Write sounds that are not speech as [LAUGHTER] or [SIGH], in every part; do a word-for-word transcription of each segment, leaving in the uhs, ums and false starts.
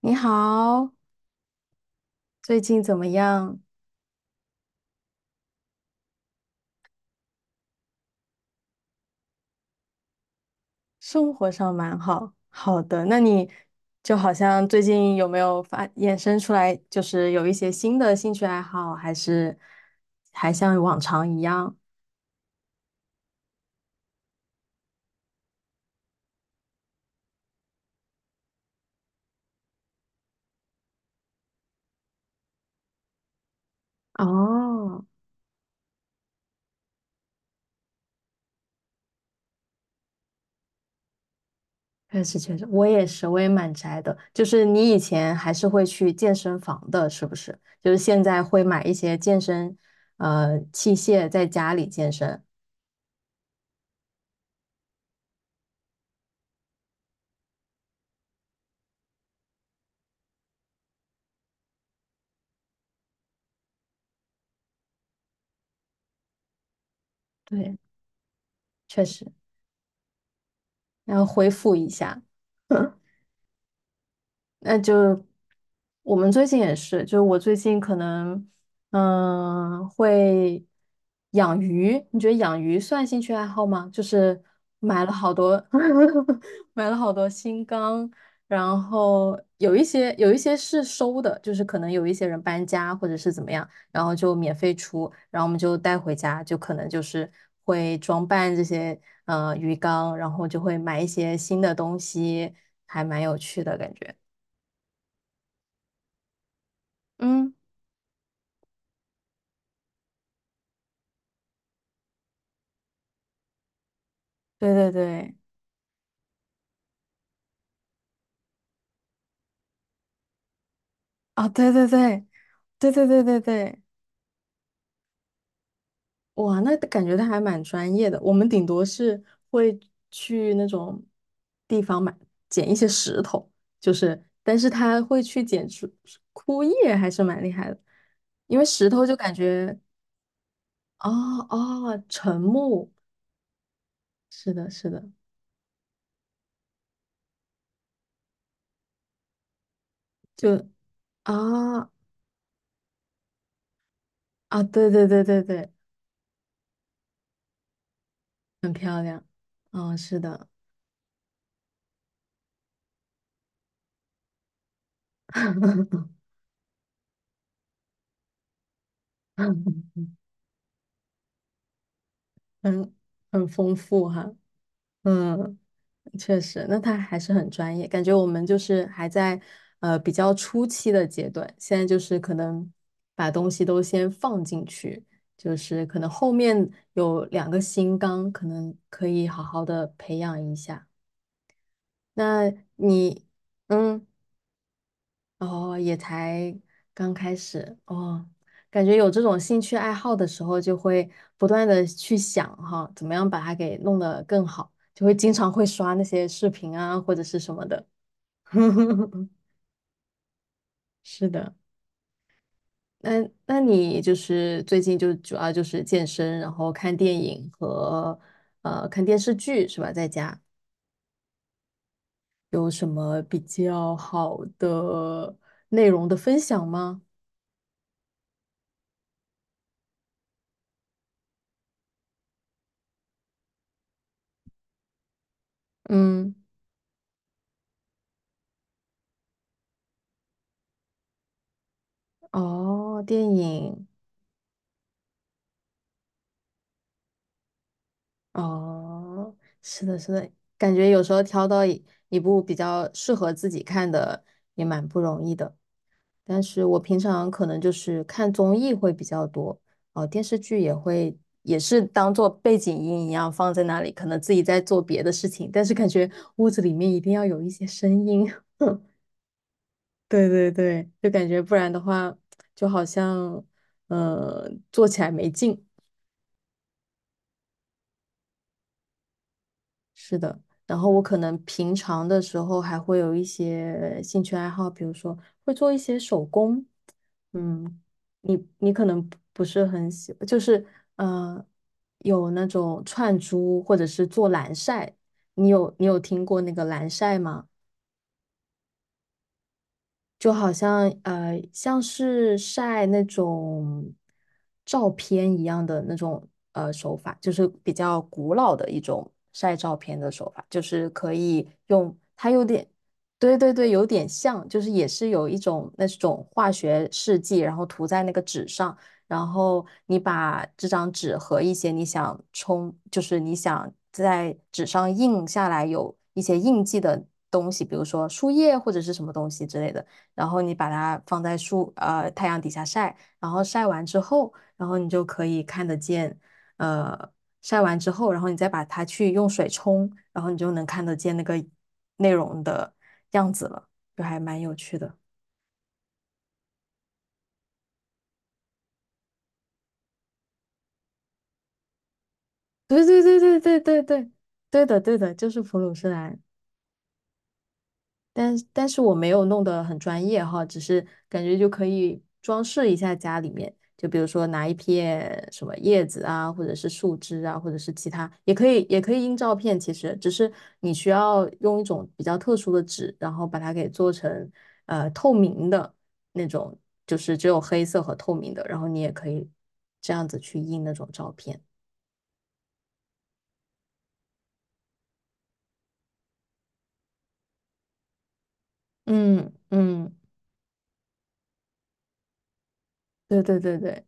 你好，最近怎么样？生活上蛮好。好的，那你就好像最近有没有发衍生出来，就是有一些新的兴趣爱好，还是还像往常一样？哦，确实确实，我也是，我也蛮宅的。就是你以前还是会去健身房的，是不是？就是现在会买一些健身呃器械在家里健身。对，确实，然后恢复一下。[LAUGHS] 那就我们最近也是，就我最近可能嗯、会养鱼，你觉得养鱼算兴趣爱好吗？就是买了好多 [LAUGHS] 买了好多新缸，然后有一些有一些是收的，就是可能有一些人搬家或者是怎么样，然后就免费出，然后我们就带回家，就可能就是会装扮这些呃鱼缸，然后就会买一些新的东西，还蛮有趣的感觉。嗯，对对对，啊，对对对，对对对对对，哇，那感觉他还蛮专业的。我们顶多是会去那种地方买捡一些石头，就是，但是他会去捡出枯叶，还是蛮厉害的。因为石头就感觉，哦哦，沉木，是的，是的，就啊啊，对对对对对，很漂亮，嗯、是的，[LAUGHS] 很很丰富哈，嗯。确实，那他还是很专业，感觉我们就是还在呃比较初期的阶段，现在就是可能把东西都先放进去，就是可能后面有两个新纲，可能可以好好的培养一下。那你，嗯，哦，也才刚开始哦，感觉有这种兴趣爱好的时候，就会不断的去想哈，怎么样把它给弄得更好，就会经常会刷那些视频啊，或者是什么的。[LAUGHS] 是的，那那你就是最近就主要就是健身，然后看电影和呃看电视剧是吧？在家有什么比较好的内容的分享吗？嗯，哦，电影，哦，是的，是的，感觉有时候挑到一一部比较适合自己看的也蛮不容易的。但是我平常可能就是看综艺会比较多，哦，电视剧也会，也是当做背景音一样放在那里，可能自己在做别的事情，但是感觉屋子里面一定要有一些声音。[LAUGHS] 对对对，就感觉不然的话，就好像嗯，做起来没劲。是的，然后我可能平常的时候还会有一些兴趣爱好，比如说会做一些手工。嗯，你你可能不不是很喜，就是呃，有那种串珠或者是做蓝晒，你有你有听过那个蓝晒吗？就好像呃，像是晒那种照片一样的那种呃手法，就是比较古老的一种晒照片的手法，就是可以用它有点，对对对，有点像，就是也是有一种那种化学试剂，然后涂在那个纸上，然后你把这张纸和一些你想冲，就是你想在纸上印下来有一些印记的东西，比如说树叶或者是什么东西之类的。然后你把它放在树呃太阳底下晒，然后晒完之后，然后你就可以看得见，呃，晒完之后，然后你再把它去用水冲，然后你就能看得见那个内容的样子了，就还蛮有趣的。对对对对对对对，对的对的，就是普鲁士蓝。但但是我没有弄得很专业哈，只是感觉就可以装饰一下家里面，就比如说拿一片什么叶子啊，或者是树枝啊，或者是其他，也可以也可以印照片，其实只是你需要用一种比较特殊的纸，然后把它给做成呃透明的那种，就是只有黑色和透明的，然后你也可以这样子去印那种照片。嗯嗯，对对对对。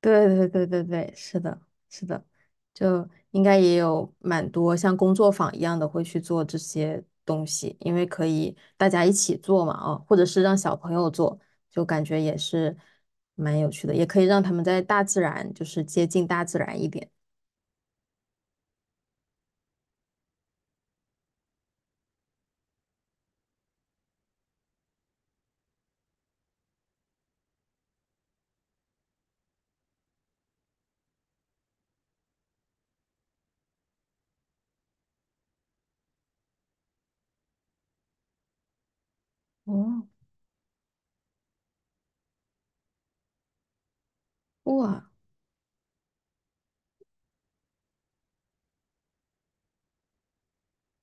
对对对对对，是的，是的，就应该也有蛮多像工作坊一样的会去做这些东西，因为可以大家一起做嘛，啊，或者是让小朋友做，就感觉也是蛮有趣的，也可以让他们在大自然，就是接近大自然一点。哦，哇，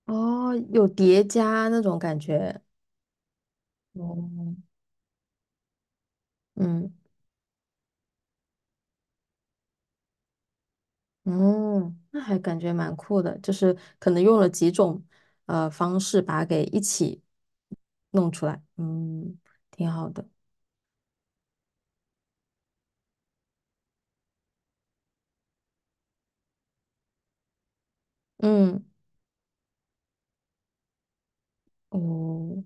哦，有叠加那种感觉。哦，嗯。嗯，那还感觉蛮酷的，就是可能用了几种呃方式把它给一起弄出来，嗯，挺好的。嗯，哦，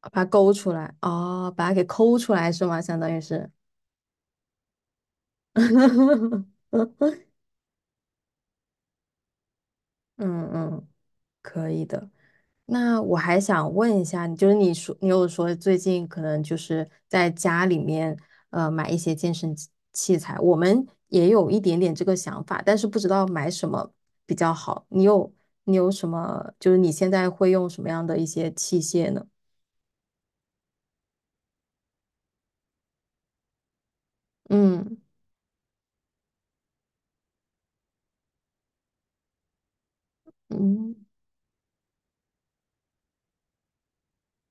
把它勾出来，哦，把它给抠出来是吗？相当于是，[LAUGHS] 嗯嗯，可以的。那我还想问一下，就是你说你有说最近可能就是在家里面呃买一些健身器器材，我们也有一点点这个想法，但是不知道买什么比较好。你有你有什么？就是你现在会用什么样的一些器械呢？嗯嗯，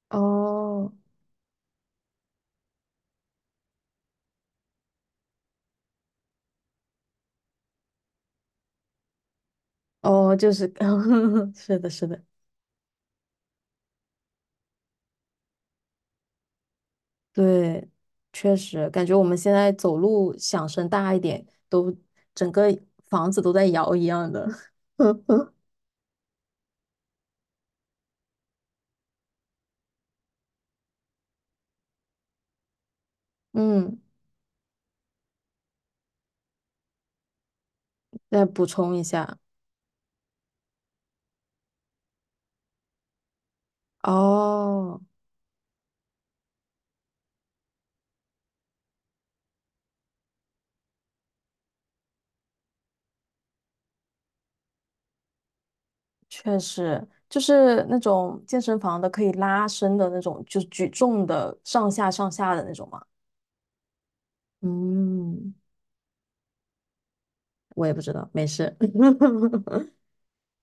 哦哦，就是 [LAUGHS] 是的，是的。对，确实感觉我们现在走路响声大一点，都整个房子都在摇一样的。[LAUGHS] 嗯，再补充一下。哦，确实，就是那种健身房的可以拉伸的那种，就是举重的上下上下的那种嘛。嗯，我也不知道，没事。[LAUGHS]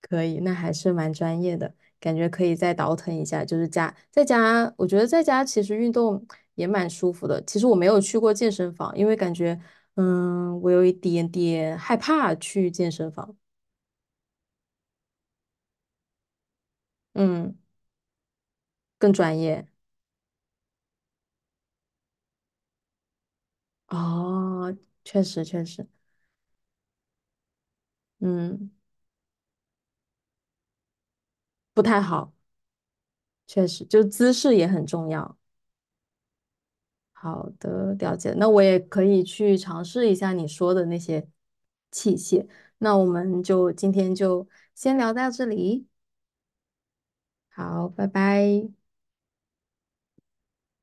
可以，那还是蛮专业的，感觉可以再倒腾一下。就是家在家，我觉得在家其实运动也蛮舒服的。其实我没有去过健身房，因为感觉，嗯，我有一点点害怕去健身房。嗯，更专业。哦，确实确实，嗯，不太好，确实，就姿势也很重要。好的，了解。那我也可以去尝试一下你说的那些器械。那我们就今天就先聊到这里，好，拜拜。